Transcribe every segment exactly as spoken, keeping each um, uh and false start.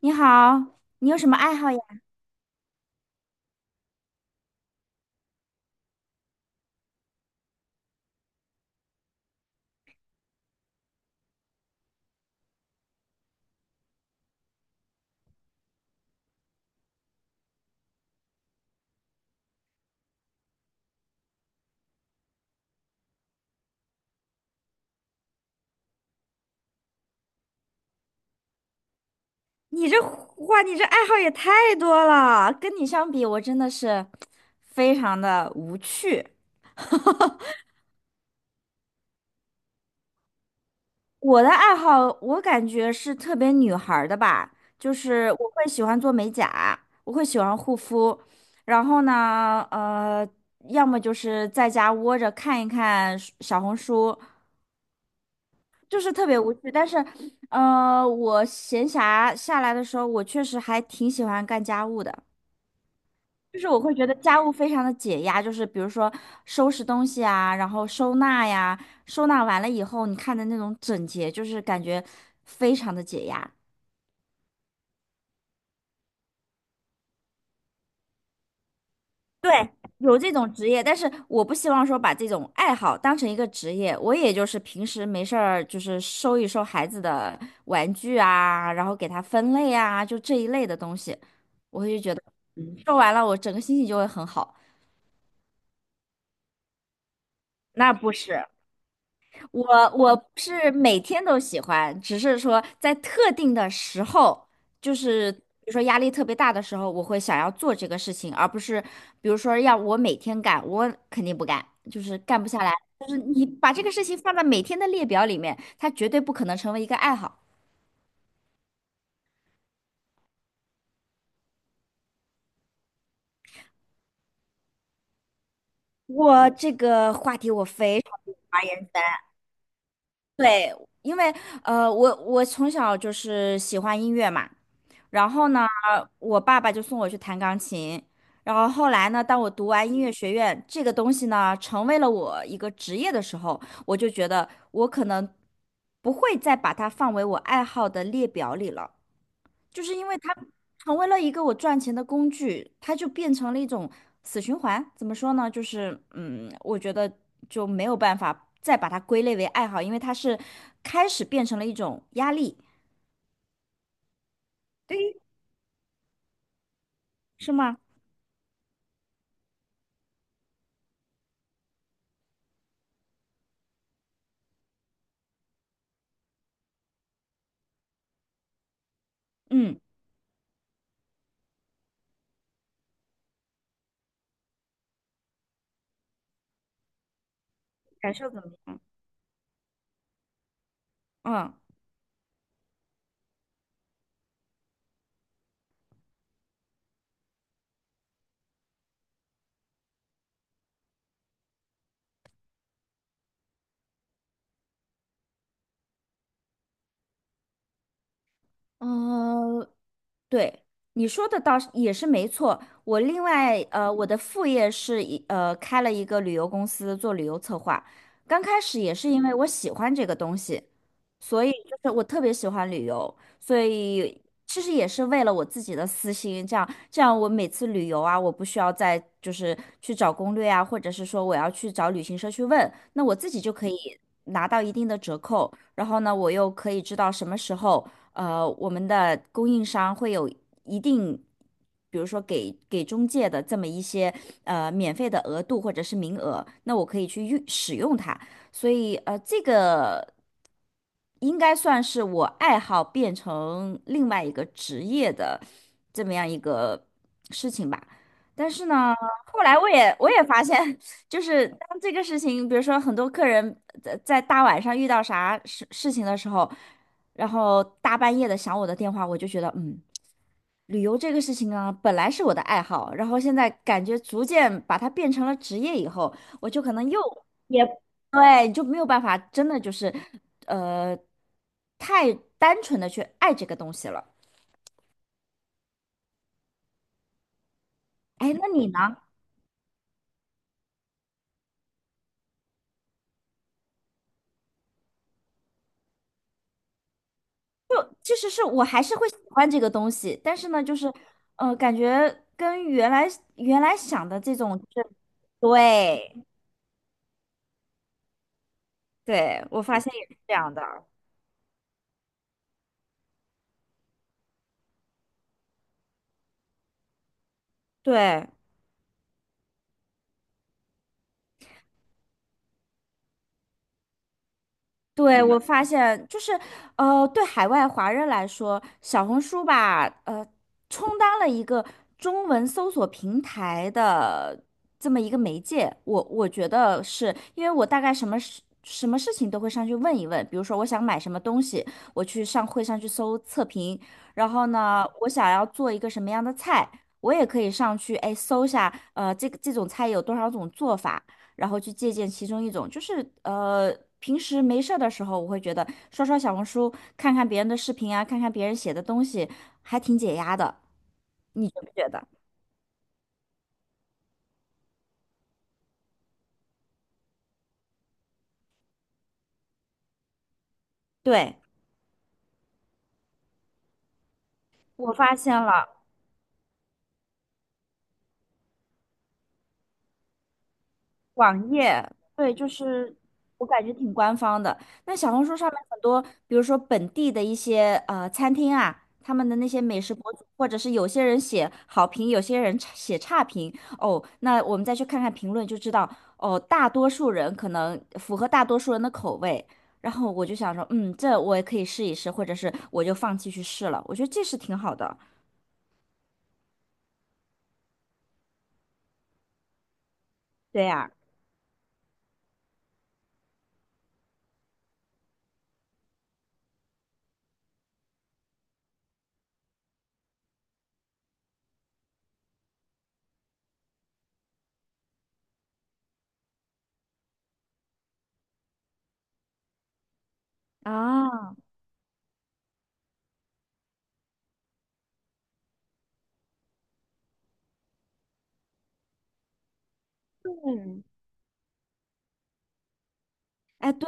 你好，你有什么爱好呀？你这话，哇，你这爱好也太多了。跟你相比，我真的是非常的无趣。我的爱好，我感觉是特别女孩儿的吧，就是我会喜欢做美甲，我会喜欢护肤，然后呢，呃，要么就是在家窝着看一看小红书，就是特别无趣。但是，呃，我闲暇下来的时候，我确实还挺喜欢干家务的。就是我会觉得家务非常的解压，就是比如说收拾东西啊，然后收纳呀，收纳完了以后，你看的那种整洁，就是感觉非常的解压。对，有这种职业，但是我不希望说把这种爱好当成一个职业，我也就是平时没事儿就是收一收孩子的玩具啊，然后给他分类啊，就这一类的东西，嗯，收完了我整个心情就会很好。那不是。我我不是每天都喜欢，只是说在特定的时候，就是比如说压力特别大的时候，我会想要做这个事情，而不是比如说让我每天干，我肯定不干，就是干不下来。就是你把这个事情放在每天的列表里面，它绝对不可能成为一个爱好。我这个话题我非常。言对，因为呃，我我从小就是喜欢音乐嘛，然后呢，我爸爸就送我去弹钢琴，然后后来呢，当我读完音乐学院这个东西呢，成为了我一个职业的时候，我就觉得我可能不会再把它放为我爱好的列表里了。就是因为它成为了一个我赚钱的工具，它就变成了一种死循环。怎么说呢？就是嗯，我觉得就没有办法再把它归类为爱好，因为它是开始变成了一种压力，对，是吗？嗯，感受怎么样？嗯。呃，对，你说的倒是也是没错。我另外呃，我的副业是一呃开了一个旅游公司做旅游策划。刚开始也是因为我喜欢这个东西，所以就是我特别喜欢旅游，所以其实也是为了我自己的私心，这样这样我每次旅游啊，我不需要再就是去找攻略啊，或者是说我要去找旅行社去问，那我自己就可以拿到一定的折扣，然后呢，我又可以知道什么时候。呃，我们的供应商会有一定，比如说给给中介的这么一些呃免费的额度或者是名额，那我可以去用使用它。所以呃，这个。应该算是我爱好变成另外一个职业的这么样一个事情吧。但是呢，后来我也我也发现，就是当这个事情，比如说很多客人在在大晚上遇到啥事事情的时候，然后大半夜的响我的电话，我就觉得嗯。旅游这个事情啊，本来是我的爱好，然后现在感觉逐渐把它变成了职业以后，我就可能又也对，就没有办法真的就是呃太单纯的去爱这个东西了。哎，那你呢？其实是我还是会喜欢这个东西，但是呢，就是呃，感觉跟原来原来想的这种是，对对，我发现也是这样的，对。对，嗯我发现就是，呃，对海外华人来说，小红书吧，呃，充当了一个中文搜索平台的这么一个媒介。我我觉得是因为我大概什么事什么事情都会上去问一问，比如说我想买什么东西，我去上会上去搜测评，然后呢，我想要做一个什么样的菜，我也可以上去哎搜一下，呃，这个这种菜有多少种做法。然后去借鉴其中一种，就是呃，平时没事儿的时候，我会觉得刷刷小红书，看看别人的视频啊，看看别人写的东西，还挺解压的，你觉不觉得？对，我发现了，网页，对，就是我感觉挺官方的。那小红书上面很多，比如说本地的一些呃餐厅啊，他们的那些美食博主，或者是有些人写好评，有些人差写差评。哦，那我们再去看看评论就知道，哦，大多数人可能符合大多数人的口味。然后我就想说，嗯，这我也可以试一试，或者是我就放弃去试了。我觉得这是挺好的。对呀，啊，嗯，哎，对，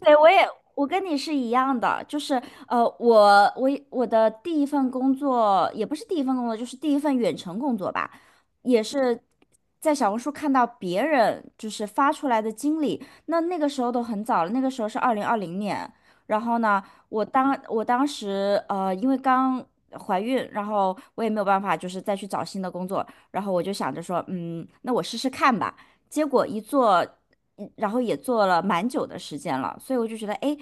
对，我也，我跟你是一样的，就是呃，我我我的第一份工作也不是第一份工作，就是第一份远程工作吧，也是在小红书看到别人就是发出来的经历，那那个时候都很早了，那个时候是二零二零年，然后呢，我当我当时呃，因为刚怀孕，然后我也没有办法就是再去找新的工作，然后我就想着说，嗯，那我试试看吧，结果一做。嗯然后也做了蛮久的时间了，所以我就觉得，哎，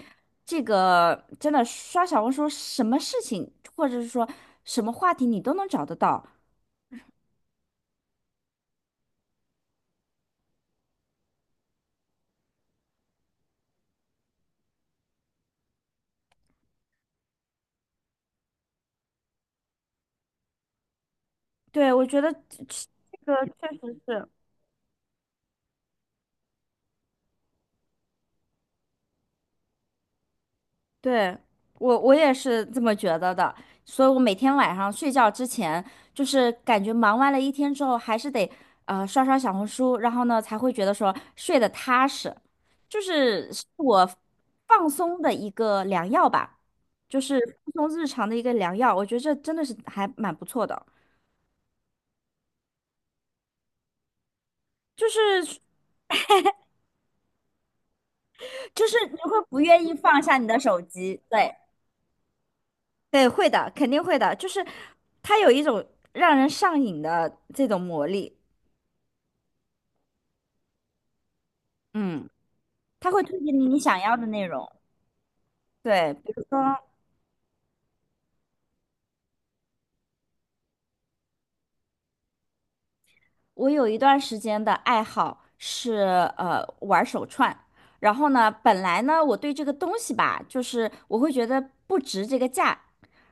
这个真的刷小红书，什么事情或者是说什么话题你都能找得到。对，我觉得这个确实是。对，我我也是这么觉得的，所以我每天晚上睡觉之前，就是感觉忙完了一天之后，还是得呃刷刷小红书，然后呢才会觉得说睡得踏实，就是是我放松的一个良药吧，就是放松日常的一个良药，我觉得这真的是还蛮不错的，就是就是你会不愿意放下你的手机，对对，会的，肯定会的，就是它有一种让人上瘾的这种魔力。嗯，他会推荐你你想要的内容。对，比如说，我有一段时间的爱好是呃玩手串，然后呢，本来呢我对这个东西吧，就是我会觉得不值这个价，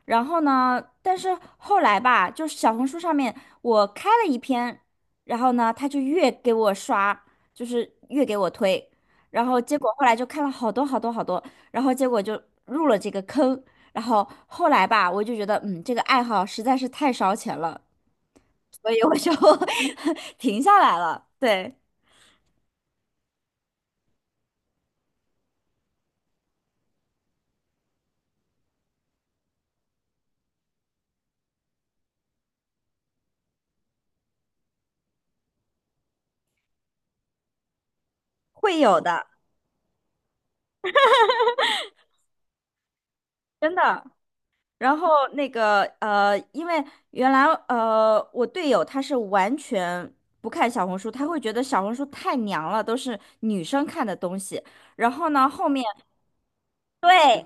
然后呢，但是后来吧，就是小红书上面我开了一篇，然后呢，他就越给我刷，就是越给我推，然后结果后来就看了好多好多好多，然后结果就入了这个坑，然后后来吧，我就觉得嗯，这个爱好实在是太烧钱了。所以我就 停下来了。对，会有的，真的。然后那个呃，因为原来呃，我队友他是完全不看小红书，他会觉得小红书太娘了，都是女生看的东西。然后呢，后面对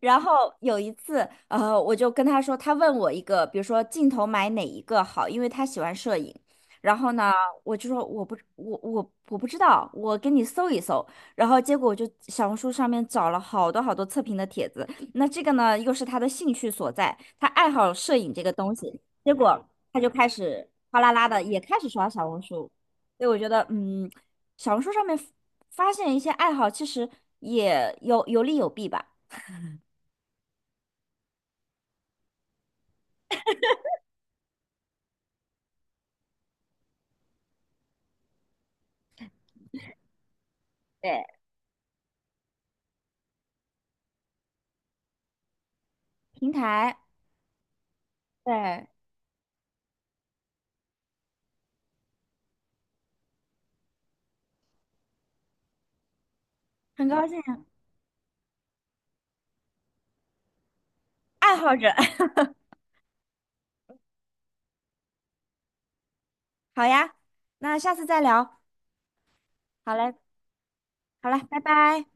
然后有一次，呃，我就跟他说，他问我一个，比如说镜头买哪一个好，因为他喜欢摄影。然后呢，我就说我不，我我我不知道，我给你搜一搜。然后结果我就小红书上面找了好多好多测评的帖子。那这个呢，又是他的兴趣所在，他爱好摄影这个东西。结果他就开始哗啦啦的也开始刷小红书。所以我觉得，嗯，小红书上面发现一些爱好，其实也有有利有弊吧。对。平台，对，很高兴，爱好者，好呀，那下次再聊，好嘞，好嘞，拜拜。